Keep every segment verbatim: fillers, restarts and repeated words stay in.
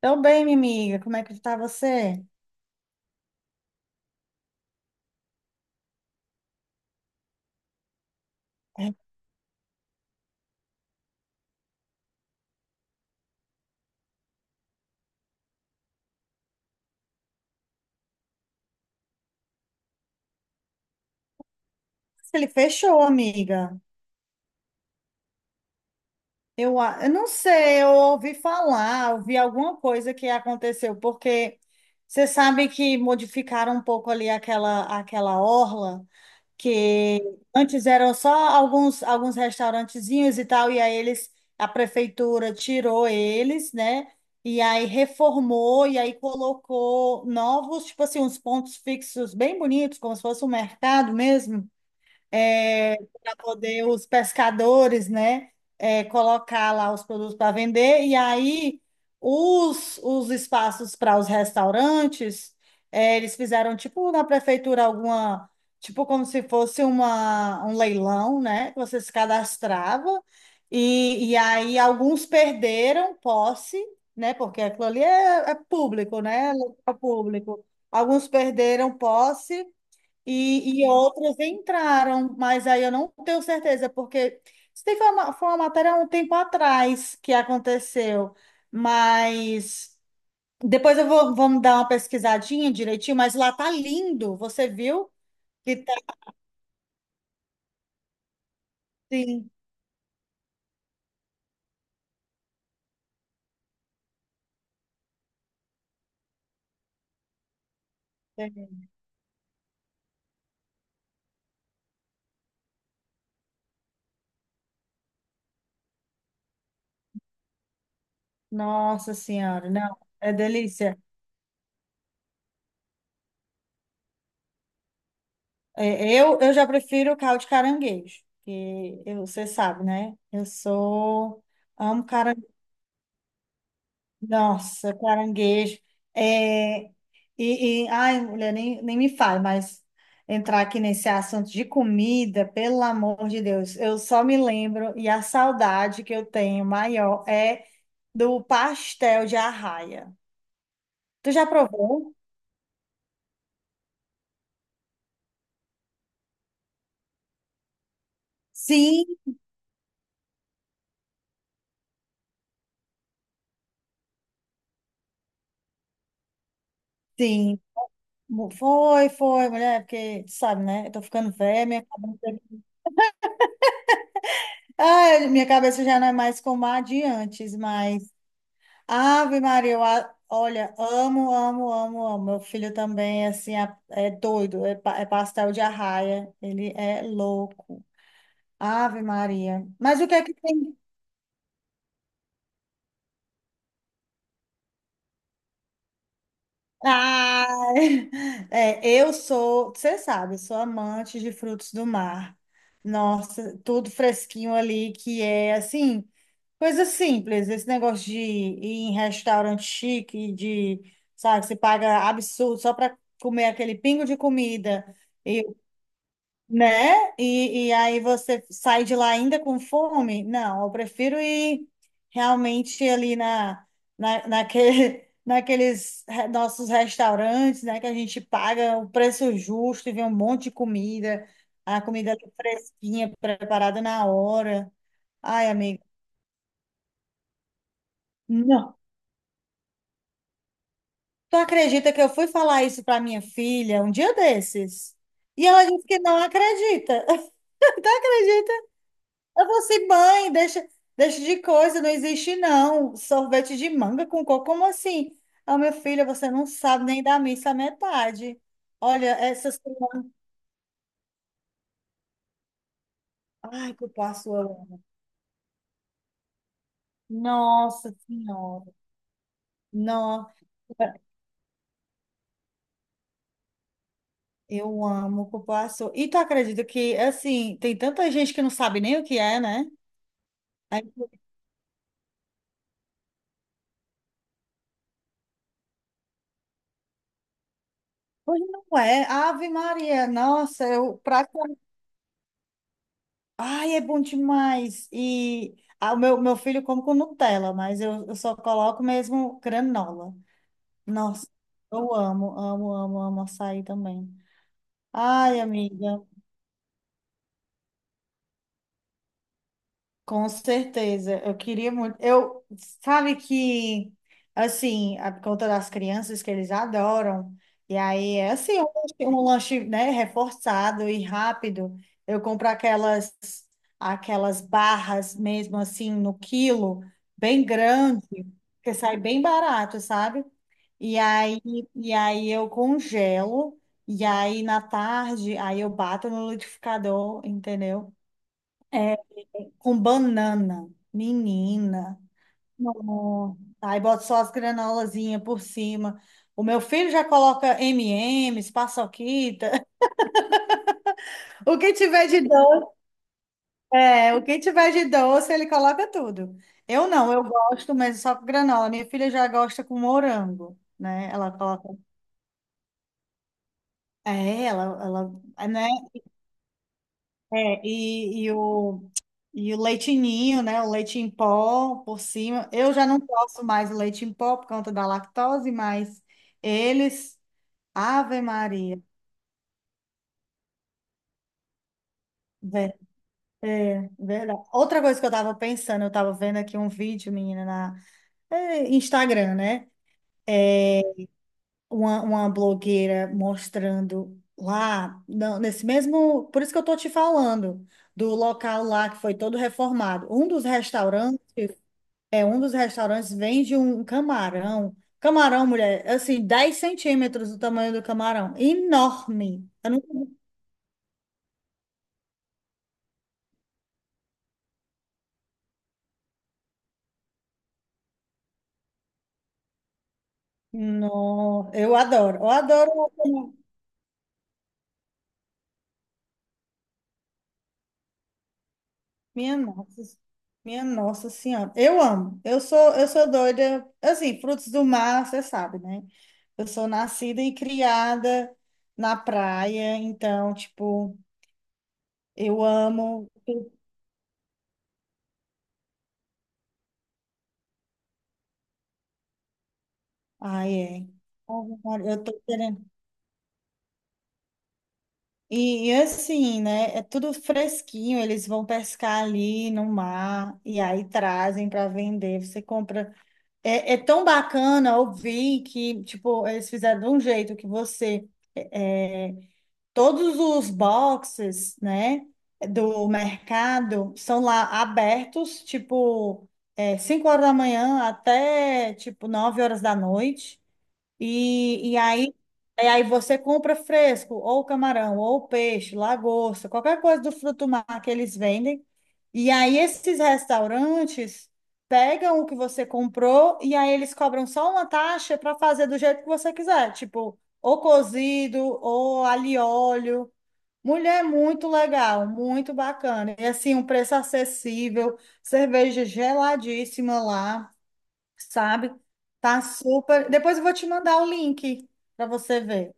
Tô bem, minha amiga. Como é que tá você? É, ele fechou, amiga. Eu, a- eu não sei, eu ouvi falar, ouvi alguma coisa que aconteceu, porque você sabe que modificaram um pouco ali aquela, aquela, orla, que antes eram só alguns, alguns restaurantezinhos e tal, e aí eles, a prefeitura tirou eles, né? E aí reformou, e aí colocou novos, tipo assim, uns pontos fixos bem bonitos, como se fosse um mercado mesmo, para poder os pescadores, né, é, colocar lá os produtos para vender. E aí os, os, espaços para os restaurantes, é, eles fizeram tipo na prefeitura alguma, tipo como se fosse uma, um leilão, né, que você se cadastrava. E, e aí alguns perderam posse, né, porque aquilo ali é, é, público, né, é local público. Alguns perderam posse e, e outras entraram, mas aí eu não tenho certeza, porque isso daí foi uma, foi uma matéria há um tempo atrás que aconteceu, mas depois eu vou, vamos dar uma pesquisadinha direitinho, mas lá tá lindo, você viu? Que tá assim. É, Nossa Senhora, não, é delícia. É, eu, eu já prefiro o caldo de caranguejo, que eu- você sabe, né? Eu sou, amo caranguejo. Nossa, caranguejo. É, e, e- ai, mulher, nem, nem me fale, mas entrar aqui nesse assunto de comida, pelo amor de Deus, eu só me lembro, e a saudade que eu tenho maior é do pastel de arraia. Tu já provou? Sim, sim. Mu- Foi, foi, mulher, porque, tu sabe, né? Eu tô ficando velha, minha cabeça, ah, minha cabeça já não é mais como a de antes, mas. Ave Maria, eu a- olha, amo, amo, amo, amo. Meu filho também, assim, a- é doido, é, pa- é pastel de arraia. Ele é louco. Ave Maria. Mas o que é que tem? Ah, é, eu sou, você sabe, eu sou amante de frutos do mar. Nossa, tudo fresquinho ali, que é assim, coisa simples. Esse negócio de ir em restaurante chique, de, sabe, você paga absurdo só para comer aquele pingo de comida. Né? E, e aí você sai de lá ainda com fome? Não, eu prefiro ir realmente ali, na, na, naquele, naqueles re- nossos restaurantes, né? Que a gente paga o preço justo e vê um monte de comida, a comida ali fresquinha, preparada na hora. Ai, amiga, não. Tu acredita que eu fui falar isso para minha filha um dia desses? E ela disse que não acredita. Tu acredita? Eu vou assim, mãe, deixa, deixa, de coisa, não existe não. Sorvete de manga com coco, como assim? Ah, meu filho, você não sabe nem da missa à metade. Olha, essas coisas. Ai, cupuaçu, eu amo. Nossa Senhora. Nossa, eu amo cupuaçu. E tu acredita que, assim, tem tanta gente que não sabe nem o que é, né? Aí, pois não é. Ave Maria, nossa, eu prato. Ai, é bom demais. E ah, o meu, meu filho come com Nutella, mas eu, eu só coloco mesmo granola. Nossa, eu amo, amo, amo, amo açaí também. Ai, amiga. Com certeza, eu queria muito. Eu, sabe que, assim, a- por conta das crianças que eles adoram, e aí é assim, um, lanche, um lanche, né, reforçado e rápido. Eu compro aquelas, aquelas barras mesmo assim no quilo, bem grande, porque sai bem barato, sabe? E aí, e aí eu congelo, e aí na tarde, aí eu bato no liquidificador, entendeu? É, com banana. Menina. Nossa. Aí bota só as granolazinhas por cima. O meu filho já coloca M e M's, paçoquita. O que tiver de doce, é, o que tiver de doce, ele coloca tudo. Eu não, eu gosto, mas só com granola. Minha filha já gosta com morango, né? Ela coloca. É, ela, ela, né? É, e, e o, e o leite ninho, né? O leite em pó por cima. Eu já não posso mais o leite em pó por conta da lactose, mas eles. Ave Maria. Ver- Verdade. Outra coisa que eu estava pensando, eu estava vendo aqui um vídeo, menina, na é, Instagram, né? Uma, uma blogueira mostrando lá, não, nesse mesmo. Por isso que eu tô te falando, do local lá que foi todo reformado. Um dos restaurantes. É, um dos restaurantes vende um camarão. Camarão, mulher, assim, dez centímetros do tamanho do camarão. Enorme. Eu, não, não, eu adoro. Eu adoro. Minha nossa, minha nossa senhora. Eu amo. Eu sou, eu sou doida. Assim, frutos do mar, você sabe, né? Eu sou nascida e criada na praia. Então, tipo, eu amo. Ai, é. Eu tô querendo. E, e assim, né? É tudo fresquinho, eles vão pescar ali no mar e aí trazem para vender. Você compra. É, é tão bacana ouvir que, tipo, eles fizeram de um jeito que você. é, Todos os boxes, né, do mercado são lá abertos, tipo, é, cinco horas da manhã até, tipo, nove horas da noite. E, e aí, e aí você compra fresco, ou camarão, ou peixe, lagosta, qualquer coisa do fruto do mar que eles vendem. E aí esses restaurantes pegam o que você comprou e aí eles cobram só uma taxa para fazer do jeito que você quiser, tipo, ou cozido, ou alho e óleo. Mulher, é muito legal, muito bacana. E assim, um preço acessível, cerveja geladíssima lá, sabe? Tá super. Depois eu vou te mandar o link para você ver.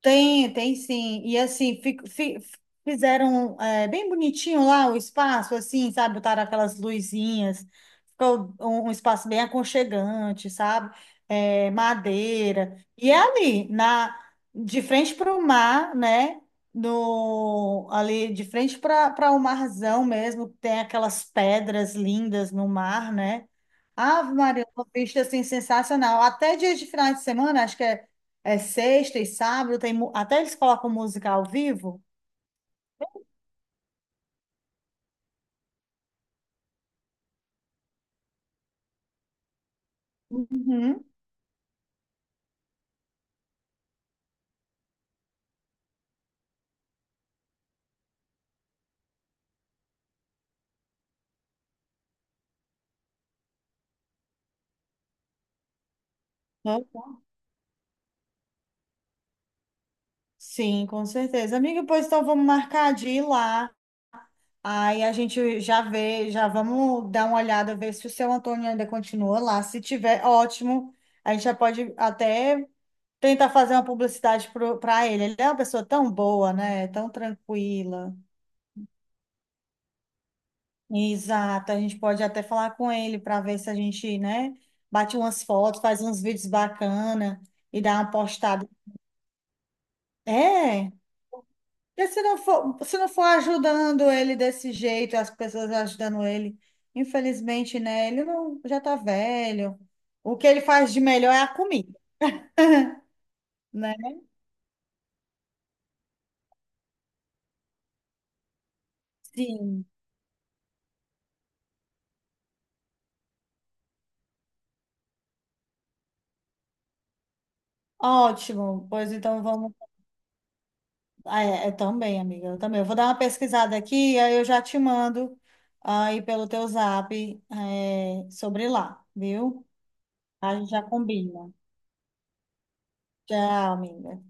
Tem, tem sim. E assim, fi- fi- fizeram é, bem bonitinho lá o espaço, assim, sabe? Botaram aquelas luzinhas, ficou um, um, espaço bem aconchegante, sabe? É, madeira. E é ali, na, de frente para o mar, né? No, ali de frente para o marzão mesmo, tem aquelas pedras lindas no mar, né? Ave Maria, uma vista assim, sensacional. Até dia de final de semana, acho que é. É sexta e sábado, tem, mu- até eles colocam música ao vivo. Uhum. Não? Sim, com certeza. Amiga, pois então vamos marcar de ir lá. Aí a gente já vê, já vamos dar uma olhada, ver se o seu Antônio ainda continua lá. Se tiver, ótimo. A gente já pode até tentar fazer uma publicidade para ele. Ele é uma pessoa tão boa, né? Tão tranquila. Exato. A gente pode até falar com ele para ver se a gente, né, bate umas fotos, faz uns vídeos bacana e dá uma postada. É, porque se não for, se não for ajudando ele desse jeito, as pessoas ajudando ele, infelizmente, né? Ele não, já tá velho. O que ele faz de melhor é a comida, né? Sim. Ótimo. Pois então vamos. Ah, é, eu também, amiga. Eu também. Eu vou dar uma pesquisada aqui, aí eu já te mando aí pelo teu zap, é, sobre lá, viu? A gente já combina. Tchau, amiga.